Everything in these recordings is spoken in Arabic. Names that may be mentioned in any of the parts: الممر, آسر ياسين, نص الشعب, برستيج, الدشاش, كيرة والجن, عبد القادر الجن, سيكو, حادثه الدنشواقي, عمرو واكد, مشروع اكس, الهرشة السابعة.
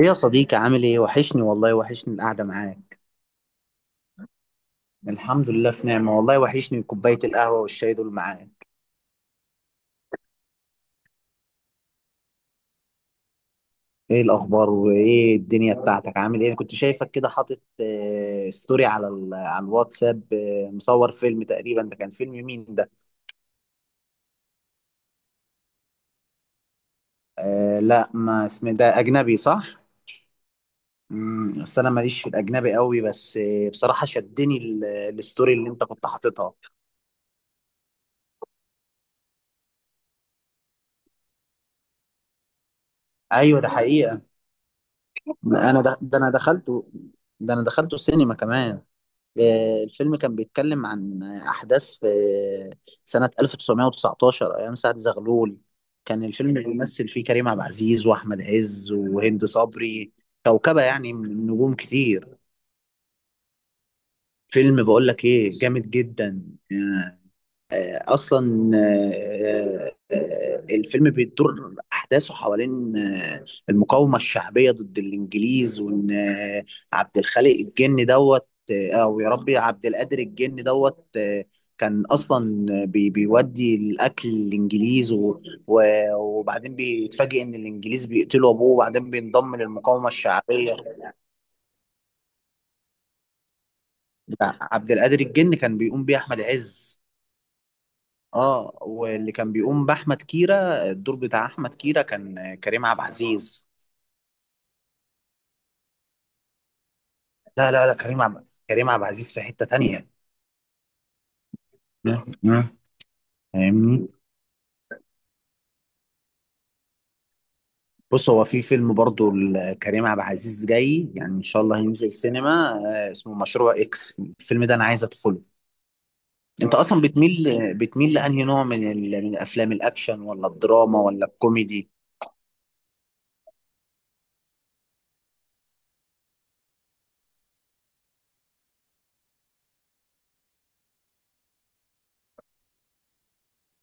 ايه يا صديقي، عامل ايه؟ وحشني والله، وحشني القعدة معاك. الحمد لله في نعمة، والله وحشني كوباية القهوة والشاي دول معاك. ايه الاخبار وايه الدنيا بتاعتك؟ عامل ايه؟ أنا كنت شايفك كده حاطط ستوري على على الواتساب، مصور فيلم تقريبا. ده كان فيلم مين ده؟ آه، لا، ما اسمه؟ ده اجنبي، صح؟ بس انا ماليش في الاجنبي قوي، بس بصراحة شدني الستوري اللي انت كنت حاططها. ايوه، ده حقيقة. ده انا دخلته. ده انا دخلته السينما كمان. الفيلم كان بيتكلم عن أحداث في سنة 1919 أيام سعد زغلول. كان الفيلم بيمثل فيه كريم عبد العزيز وأحمد عز وهند صبري. كوكبة يعني من نجوم كتير. فيلم، بقول لك إيه؟ جامد جدا. اصلا الفيلم بيدور احداثه حوالين المقاومه الشعبيه ضد الانجليز، وان عبد الخالق الجن دوت، او يا ربي، عبد القادر الجن دوت كان اصلا بيودي الاكل للانجليز، و- وبعدين بيتفاجئ ان الانجليز بيقتلوا ابوه، وبعدين بينضم للمقاومه الشعبيه. ده عبد القادر الجن كان بيقوم بيه احمد عز. اه، واللي كان بيقوم باحمد كيرة، الدور بتاع احمد كيرة كان كريم عبد العزيز. لا لا لا، كريم عبد العزيز في حتة تانية. مم. مم. فاهمني؟ بص، هو في فيلم برضو لكريم عبد العزيز جاي يعني ان شاء الله هينزل سينما. اسمه مشروع اكس. الفيلم ده انا عايز ادخله. انت اصلا بتميل لانهي نوع من افلام الاكشن ولا الدراما ولا الكوميدي؟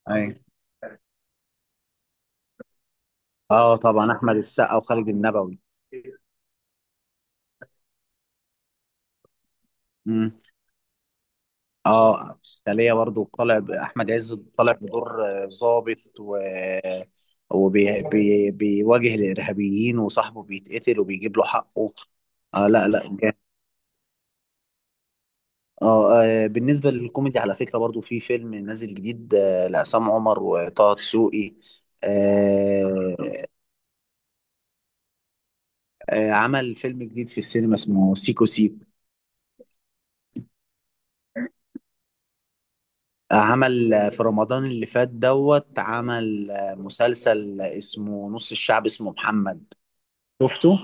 اي، اه، طبعا احمد السقا وخالد النبوي. مم. اه، سالية برضو طالع احمد عز طالع بدور ضابط و بيواجه الارهابيين، وصاحبه بيتقتل، وبيجيب له حقه. آه، لا لا، جامد. آه, اه، بالنسبه للكوميدي على فكره برضو في فيلم نازل جديد لعصام عمر وطه دسوقي. آه آه، عمل فيلم جديد في السينما اسمه سيكو سيكو. عمل في رمضان اللي فات دوت، عمل مسلسل اسمه نص الشعب اسمه محمد. شفته؟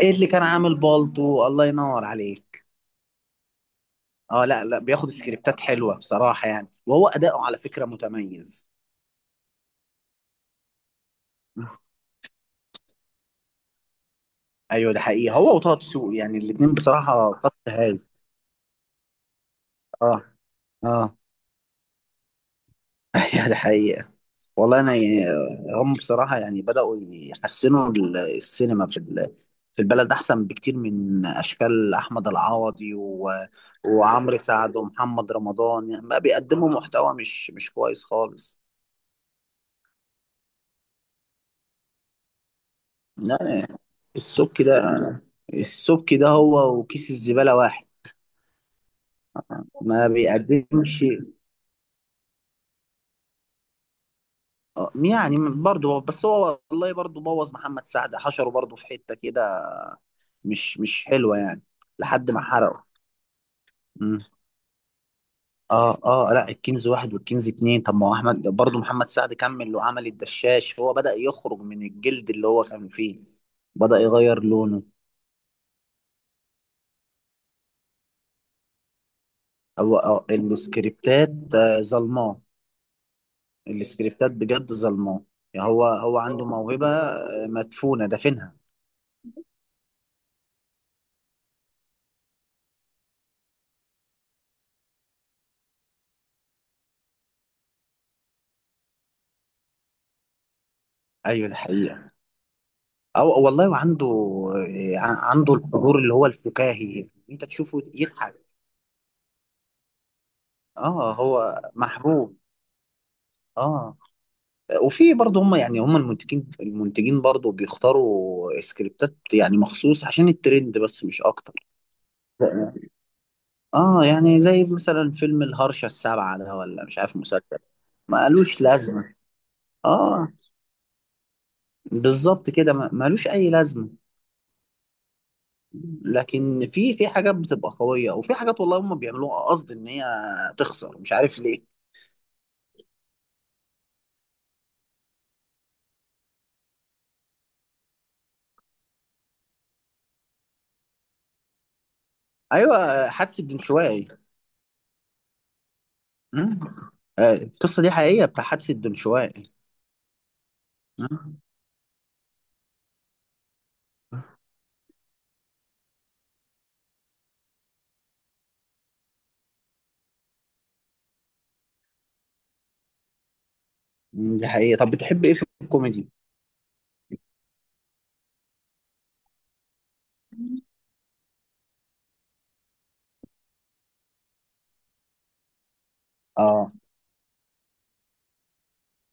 ايه اللي كان عامل بالطو؟ الله ينور عليك. اه، لا لا، بياخد سكريبتات حلوه بصراحه يعني، وهو اداؤه على فكره متميز. ايوه، ده حقيقي. هو وطه دسوقي يعني الاثنين بصراحه خط هايل. اه. اه. ايوه، ده حقيقه. والله انا يعني، هم بصراحه يعني بداوا يحسنوا السينما في في البلد، احسن بكتير من اشكال احمد العوضي و... وعمرو سعد ومحمد رمضان، يعني بقى بيقدموا محتوى مش كويس خالص. لا، السبك ده السبك ده هو وكيس الزبالة واحد. ما بيقدمش. يعني برضه بس هو والله برضه بوظ محمد سعد، حشره برضه في حتة كده مش حلوة يعني. لحد ما حرقه. مم. اه اه، لا، الكنز واحد والكنز اتنين. طب، ما هو احمد برضه محمد سعد كمل وعمل الدشاش. هو بدأ يخرج من الجلد اللي هو كان فيه. بدأ يغير لونه. أو السكريبتات، ظلماء. السكريبتات بجد ظلماه. يعني هو عنده موهبة مدفونة دافنها. ايوه، ده حقيقة. او والله، وعنده عنده الحضور اللي هو الفكاهي، انت تشوفه يضحك. اه، هو محبوب. اه. وفي برضه هم يعني هم المنتجين برضه بيختاروا سكريبتات يعني مخصوص عشان الترند، بس مش اكتر. اه، يعني زي مثلا فيلم الهرشة السابعة ده، ولا مش عارف، مسلسل؟ ما قالوش لازمة. اه، بالظبط كده، ملوش اي لازمه. لكن في حاجات بتبقى قويه، وفي حاجات والله هم بيعملوها قصد ان هي تخسر، مش عارف ليه. ايوه، حادثه الدنشواقي. مم. القصه دي حقيقيه، بتاع حادثه الدنشواقي. مم. مم. دي حقيقيه. طب، بتحب ايه في الكوميدي؟ اه،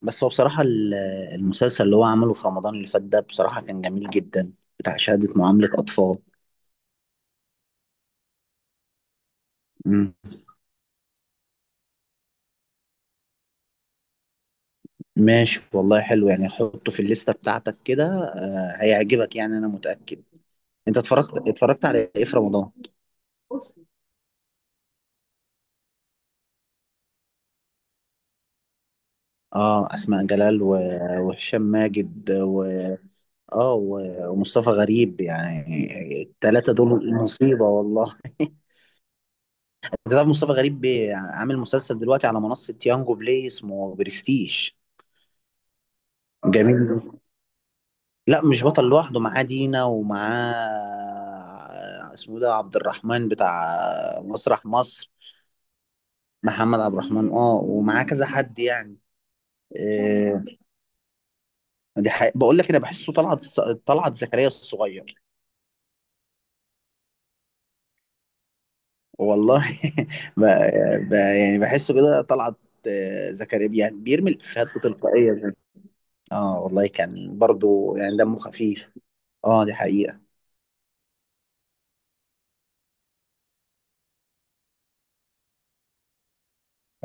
بس هو بصراحه المسلسل اللي هو عمله في رمضان اللي فات ده بصراحه كان جميل جدا، بتاع شهاده معامله اطفال. ماشي والله، حلو يعني. حطه في الليستة بتاعتك كده، هيعجبك يعني، أنا متأكد. أنت اتفرجت على إيه في رمضان؟ أسماء جلال و... وهشام ماجد و... آه و... ومصطفى غريب، يعني التلاتة دول مصيبة والله. أنت تعرف مصطفى غريب عامل مسلسل دلوقتي على منصة يانجو بلاي اسمه برستيج؟ جميل. لا، مش بطل لوحده، معاه دينا ومعاه اسمه ده عبد الرحمن بتاع مسرح مصر. محمد عبد الرحمن، اه، ومعاه كذا حد يعني. إيه. دي حقيقة. بقول لك انا بحسه طلعت، طلعت زكريا الصغير. والله ب... يعني بحسه كده طلعت، زكريا، يعني بيرمي الافيهات بتلقائيه زي. اه والله، كان برضو يعني دمه خفيف. اه، دي حقيقه.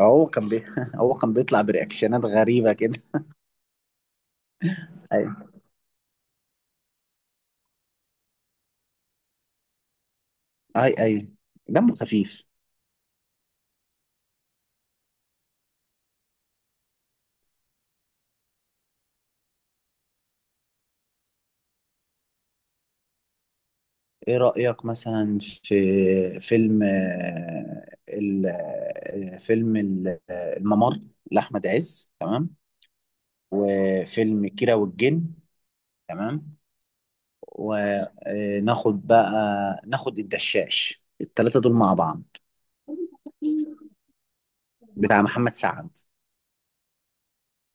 هو كان بي... هو كان بيطلع برياكشنات غريبه كده. ايوه. اي، ايوه، دمه خفيف. ايه رأيك مثلا في فيلم آه، ال- آه، فيلم ال- آه، الممر لأحمد عز؟ تمام. وفيلم كيرة والجن. تمام. وناخد بقى ناخد الدشاش التلاتة دول مع بعض، بتاع محمد سعد.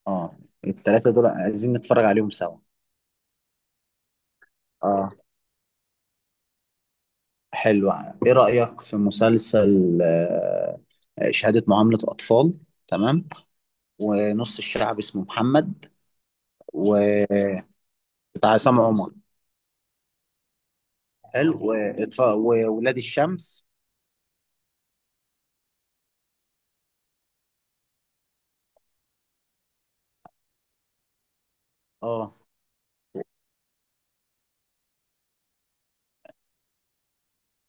اه، التلاتة دول عايزين نتفرج عليهم سوا. اه، حلو. ايه رأيك في مسلسل شهادة معاملة أطفال؟ تمام. ونص الشعب اسمه محمد و... بتاع عصام عمر. حلو، وإطفاء وولاد الشمس. اه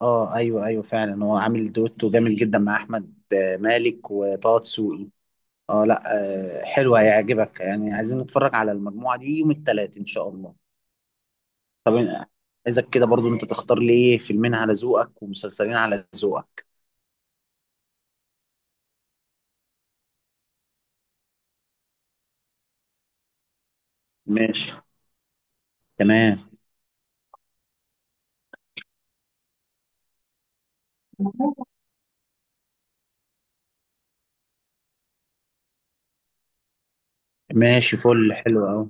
اه، ايوه ايوه، فعلا هو عامل دويتو جامد جدا مع احمد مالك وطه دسوقي. اه، لا. حلو هيعجبك يعني. عايزين نتفرج على المجموعه دي يوم الثلاث ان شاء الله. طب، أنا عايزك كده برضو انت تختار لي ايه فيلمين على ذوقك ومسلسلين على ذوقك. ماشي. تمام. ماشي، فل، حلو اهو.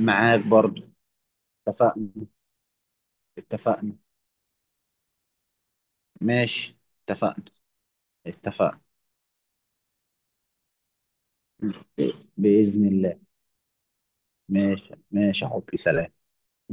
معاك برضو. اتفقنا. اتفقنا. ماشي، اتفقنا. اتفقنا. بإذن الله. ماشي ماشي يا حبي، سلام.